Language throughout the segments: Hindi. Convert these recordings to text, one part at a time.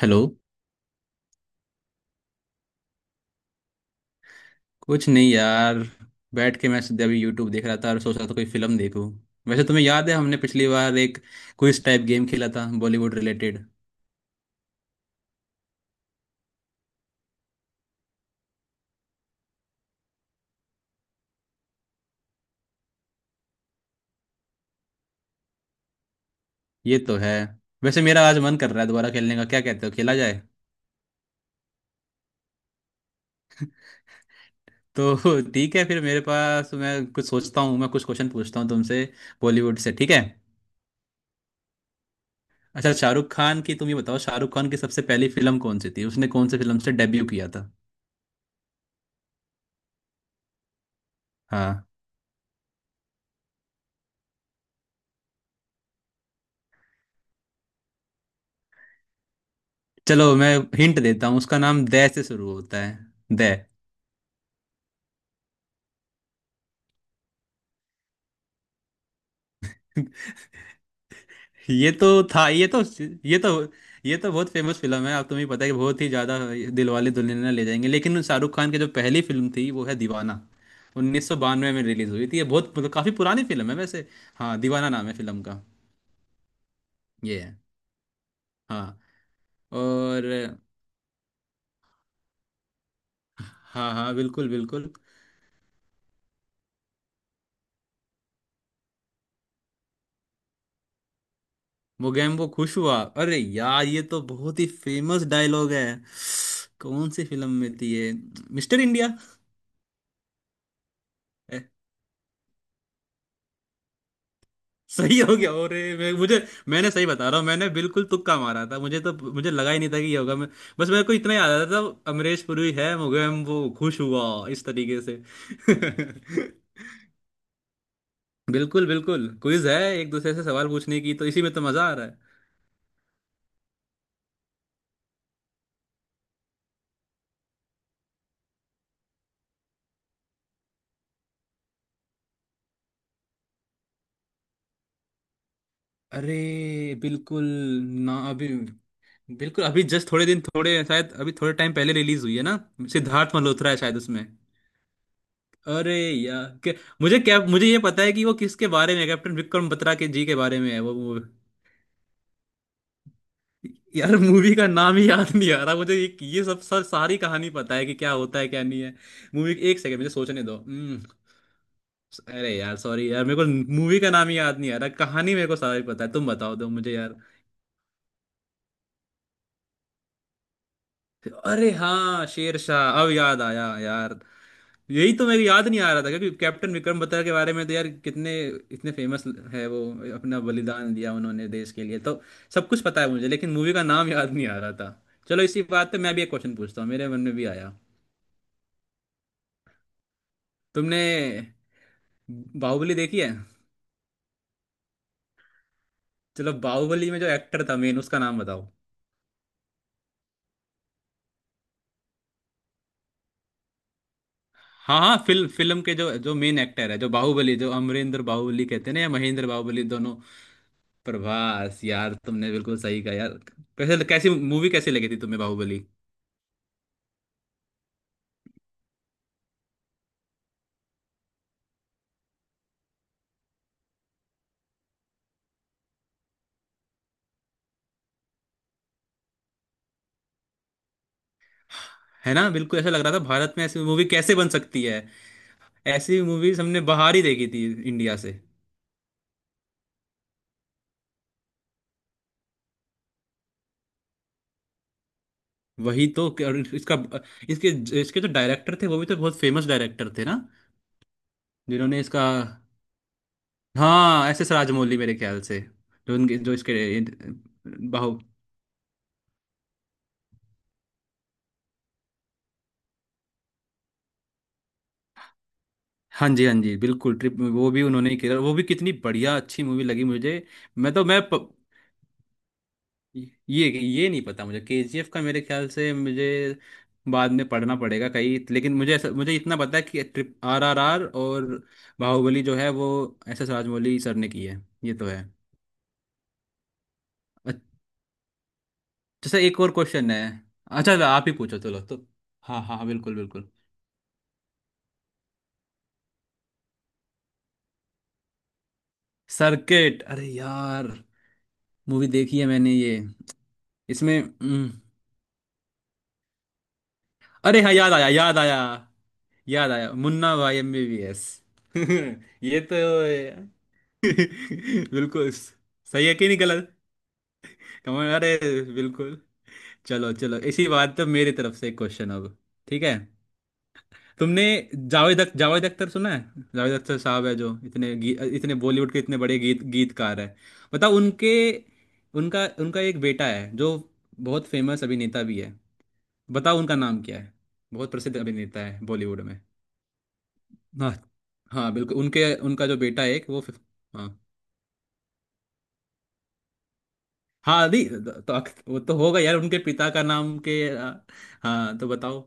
हेलो। कुछ नहीं यार, बैठ के मैं सीधे अभी यूट्यूब देख रहा था और सोच रहा था कोई फिल्म देखूं। वैसे तुम्हें याद है हमने पिछली बार एक क्विज टाइप गेम खेला था, बॉलीवुड रिलेटेड? ये तो है। वैसे मेरा आज मन कर रहा है दोबारा खेलने का, क्या कहते हो, खेला जाए? तो ठीक है फिर। मेरे पास मैं कुछ सोचता हूँ, मैं कुछ क्वेश्चन पूछता हूँ तुमसे बॉलीवुड से, ठीक है? अच्छा, शाहरुख खान की तुम ये बताओ, शाहरुख खान की सबसे पहली फिल्म कौन सी थी? उसने कौन से फिल्म से डेब्यू किया था? हाँ। चलो मैं हिंट देता हूँ, उसका नाम दय से शुरू होता है। दय। ये तो था ये तो ये तो ये तो बहुत फेमस फिल्म है। आप तुम्हें पता है कि बहुत ही ज्यादा दिलवाले दुल्हनिया ले जाएंगे, लेकिन शाहरुख खान की जो पहली फिल्म थी वो है दीवाना। 1992 में रिलीज हुई थी। ये बहुत मतलब काफी पुरानी फिल्म है वैसे। हाँ, दीवाना नाम है फिल्म का। ये है। हाँ। और। हाँ हाँ, बिल्कुल बिल्कुल। मोगैम्बो खुश हुआ। अरे यार, ये तो बहुत ही फेमस डायलॉग है। कौन सी फिल्म में थी ये? Mister India. सही हो गया। और मैं मुझे मैंने सही बता रहा हूँ, मैंने बिल्कुल तुक्का मारा था। मुझे तो, मुझे लगा ही नहीं था कि ये होगा। मैं बस, मेरे को इतना याद आ रहा था अमरीश पुरी है। मुझे हम वो खुश हुआ इस तरीके से। बिल्कुल बिल्कुल, क्विज है एक दूसरे से सवाल पूछने की, तो इसी में तो मजा आ रहा है। अरे बिल्कुल। ना अभी, बिल्कुल अभी जस्ट थोड़े दिन, थोड़े शायद अभी थोड़े टाइम पहले रिलीज हुई है ना। सिद्धार्थ मल्होत्रा है शायद उसमें। अरे यार मुझे क्या, मुझे ये पता है कि वो किसके बारे में है, कैप्टन विक्रम बत्रा के जी के बारे में है वो मूवी। यार, मूवी का नाम ही याद नहीं आ रहा मुझे। ये सब सर, सारी कहानी पता है कि क्या होता है क्या नहीं है। मूवी, एक सेकंड मुझे सोचने दो। हम्म। अरे यार सॉरी यार, मेरे को मूवी का नाम ही याद नहीं आ रहा। कहानी मेरे को सारी पता है, तुम बताओ दो मुझे यार। अरे हाँ, शेर शाह, अब याद आया यार। यही तो मेरे याद नहीं आ रहा था, क्योंकि कैप्टन विक्रम बत्रा के बारे में तो यार कितने इतने फेमस है वो। अपना बलिदान दिया उन्होंने देश के लिए, तो सब कुछ पता है मुझे, लेकिन मूवी का नाम याद नहीं आ रहा था। चलो इसी बात पे मैं भी एक क्वेश्चन पूछता हूँ, मेरे मन में भी आया। तुमने बाहुबली देखी है? चलो, बाहुबली में जो एक्टर था मेन, उसका नाम बताओ। हाँ हाँ, फिल्म फिल्म के जो जो मेन एक्टर है, जो बाहुबली, जो अमरेंद्र बाहुबली कहते हैं ना, या महेंद्र बाहुबली, दोनों। प्रभास। यार तुमने बिल्कुल सही कहा यार। कैसे, कैसी मूवी कैसी लगी थी तुम्हें बाहुबली? है ना, बिल्कुल ऐसा लग रहा था भारत में ऐसी मूवी कैसे बन सकती है। ऐसी मूवीज हमने बाहर ही देखी थी, इंडिया से। वही तो। और इसका, इसके, इसके जो डायरेक्टर थे वो भी तो बहुत फेमस डायरेक्टर थे ना, जिन्होंने इसका, हाँ एस एस राजमौली मेरे ख्याल से। जो उनके, जो इसके, बाहु। हाँ जी, हाँ जी, बिल्कुल। ट्रिप, वो भी उन्होंने ही किया, वो भी कितनी बढ़िया, अच्छी मूवी लगी मुझे। मैं तो मैं प, ये नहीं पता मुझे केजीएफ का। मेरे ख्याल से मुझे बाद में पढ़ना पड़ेगा कहीं, लेकिन मुझे ऐसा मुझे इतना पता है कि ट्रिप, आरआरआर और बाहुबली जो है वो एस एस राजमौली सर ने की है। ये तो है। अच्छा। सर, एक और क्वेश्चन है। अच्छा, आप ही पूछो चलो तो। हाँ हाँ हाँ, बिल्कुल बिल्कुल। सर्किट, अरे यार, मूवी देखी है मैंने ये। इसमें, अरे हाँ, याद आया, याद आया, याद आया, मुन्ना भाई एमबीबीएस। ये तो बिल्कुल सही है कि नहीं, गलत? कमल, अरे बिल्कुल। चलो चलो, इसी बात तो मेरी तरफ से एक क्वेश्चन अब, ठीक है? तुमने जावेद अख्तर सुना है? जावेद अख्तर साहब है जो इतने इतने बॉलीवुड के इतने बड़े गीत गीतकार है। बताओ उनके, उनका उनका एक बेटा है जो बहुत फेमस अभिनेता भी है, बताओ उनका नाम क्या है। बहुत प्रसिद्ध अभिनेता है बॉलीवुड में। हाँ हाँ बिल्कुल, उनके उनका जो बेटा है एक वो हाँ। हाँ दी तो वो तो होगा यार, उनके पिता का नाम हाँ तो बताओ।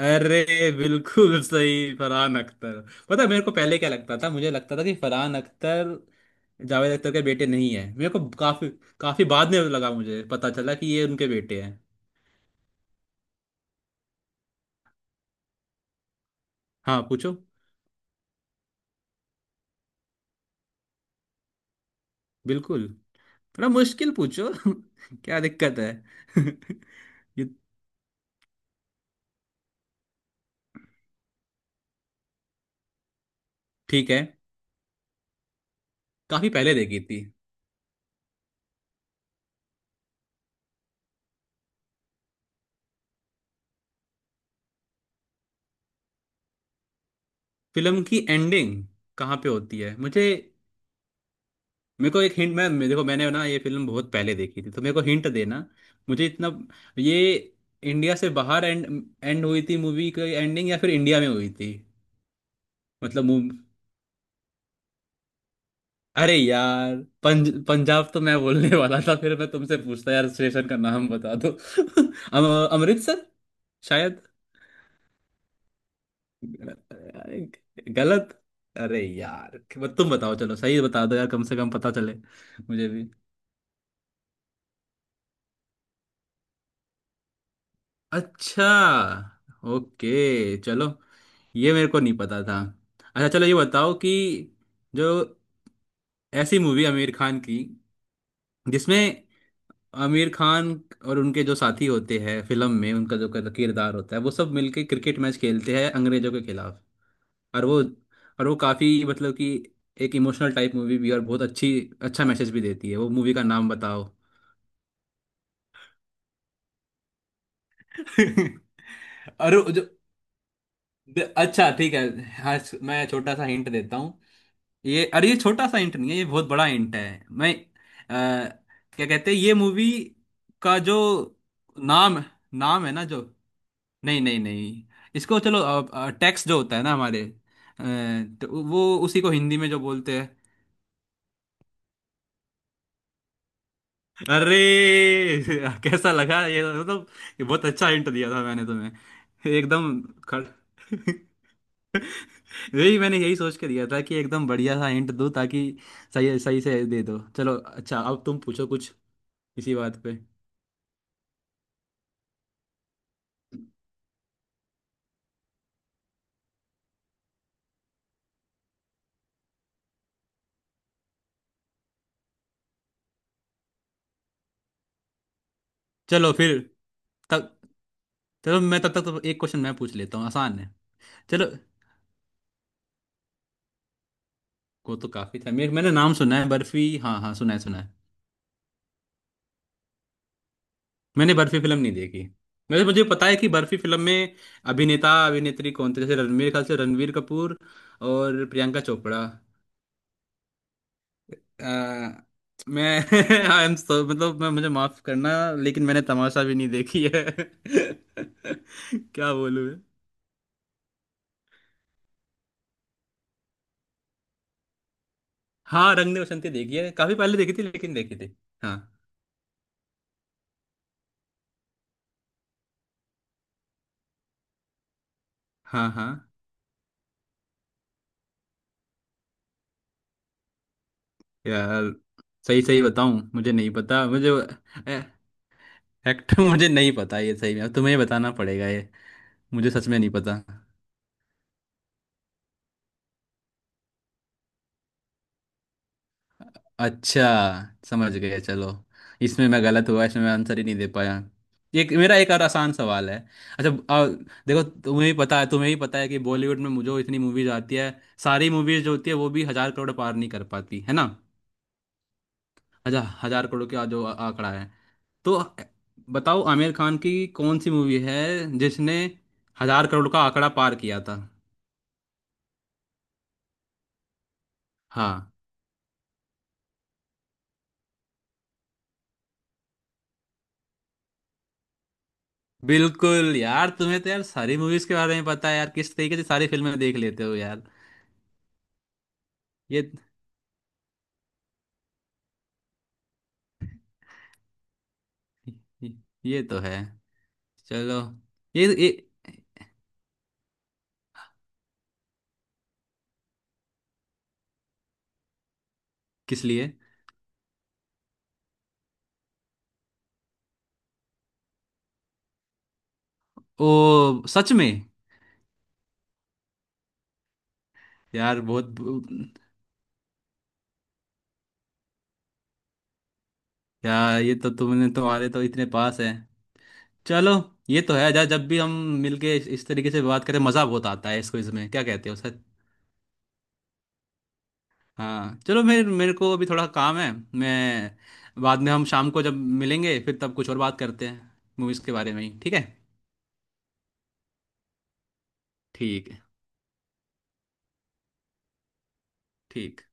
अरे बिल्कुल सही, फरहान अख्तर। पता है मेरे को पहले क्या लगता था, मुझे लगता था कि फरहान अख्तर जावेद अख्तर के बेटे नहीं है। मेरे को काफी, काफी बाद में लगा मुझे पता चला कि ये उनके बेटे हैं। हाँ पूछो। बिल्कुल, थोड़ा मुश्किल पूछो क्या दिक्कत है। ये। ठीक है, काफी पहले देखी थी। फिल्म की एंडिंग कहाँ पे होती है मुझे? मेरे को एक हिंट, देखो, मैंने ना ये फिल्म बहुत पहले देखी थी, तो मेरे को हिंट देना। मुझे इतना ये, इंडिया से बाहर एंड एंड हुई थी मूवी की एंडिंग, या फिर इंडिया में हुई थी? मतलब मूव। अरे यार पंजाब तो मैं बोलने वाला था, फिर मैं तुमसे पूछता यार, स्टेशन का नाम बता दो। अमृतसर शायद। गलत? अरे यार बस तुम बताओ, चलो सही बता दो यार, कम से कम पता चले मुझे भी। अच्छा, ओके, चलो। ये मेरे को नहीं पता था। अच्छा, चलो ये बताओ कि जो, ऐसी मूवी आमिर खान की जिसमें आमिर खान और उनके जो साथी होते हैं फिल्म में, उनका जो किरदार होता है, वो सब मिलके क्रिकेट मैच खेलते हैं अंग्रेजों के खिलाफ, और वो, और वो काफ़ी मतलब कि एक इमोशनल टाइप मूवी भी है और बहुत अच्छी, अच्छा मैसेज भी देती है, वो मूवी का नाम बताओ। और वो जो, अच्छा ठीक है। हाँ मैं छोटा सा हिंट देता हूँ। ये, अरे ये छोटा सा हिंट नहीं है, ये बहुत बड़ा हिंट है। मैं क्या कहते हैं ये मूवी का जो नाम, नाम है ना जो, नहीं नहीं नहीं, इसको चलो, टैक्स जो होता है ना हमारे, अ, तो वो उसी को हिंदी में जो बोलते हैं। अरे कैसा लगा ये, मतलब ये बहुत अच्छा हिंट दिया था मैंने तुम्हें, एकदम खड़। यही मैंने, यही सोच के दिया था कि एकदम बढ़िया सा हिंट दूं ताकि सही सही से दे दो। चलो अच्छा, अब तुम पूछो कुछ इसी बात पे। चलो फिर तब, चलो मैं तब तक तो एक क्वेश्चन मैं पूछ लेता हूँ आसान है। चलो, वो तो काफी था मेरे, मैंने नाम सुना है बर्फी, हाँ हाँ सुना है सुना है। मैंने बर्फी फिल्म नहीं देखी। वैसे मुझे पता है कि बर्फी फिल्म में अभिनेता अभिनेत्री कौन थे, जैसे रणवीर ख्याल से, रणवीर कपूर और प्रियंका चोपड़ा। अ, मैं आई एम सो, मतलब मैं, मुझे माफ करना, लेकिन मैंने तमाशा भी नहीं देखी है। क्या बोलूं मैं। हाँ, रंग दे बसंती देखी है, काफी पहले देखी थी, लेकिन देखी थी। हाँ हाँ हाँ। यार, सही सही बताऊं मुझे नहीं पता मुझे। फैक्ट मुझे नहीं पता ये, सही में अब तुम्हें बताना पड़ेगा ये, मुझे सच में नहीं पता। अच्छा, समझ गए, चलो। इसमें मैं गलत हुआ, इसमें मैं आंसर ही नहीं दे पाया। एक मेरा एक और आसान सवाल है। अच्छा देखो, तुम्हें भी पता है, तुम्हें भी पता है कि बॉलीवुड में मुझे इतनी मूवीज आती है, सारी मूवीज जो होती है वो भी 1,000 करोड़ पार नहीं कर पाती है ना। अच्छा, 1,000 करोड़ का जो आंकड़ा है, तो बताओ आमिर खान की कौन सी मूवी है जिसने 1,000 करोड़ का आंकड़ा पार किया था। हाँ। बिल्कुल यार, तुम्हें तो यार सारी मूवीज के बारे में पता है यार, किस तरीके से सारी फिल्में देख लेते हो यार। ये ये तो है। चलो, ये किस लिए? ओ, सच में? यार बहुत। यार ये तो, तुमने तुम्हारे तो इतने पास है। चलो, ये तो है। जा, जब भी हम मिलके इस तरीके से बात करें मज़ा बहुत आता है, इसको इसमें क्या कहते हो सर। हाँ, चलो, मेरे मेरे को अभी थोड़ा काम है। मैं बाद में, हम शाम को जब मिलेंगे फिर तब कुछ और बात करते हैं मूवीज़ के बारे में ही, ठीक है? ठीक है। ठीक।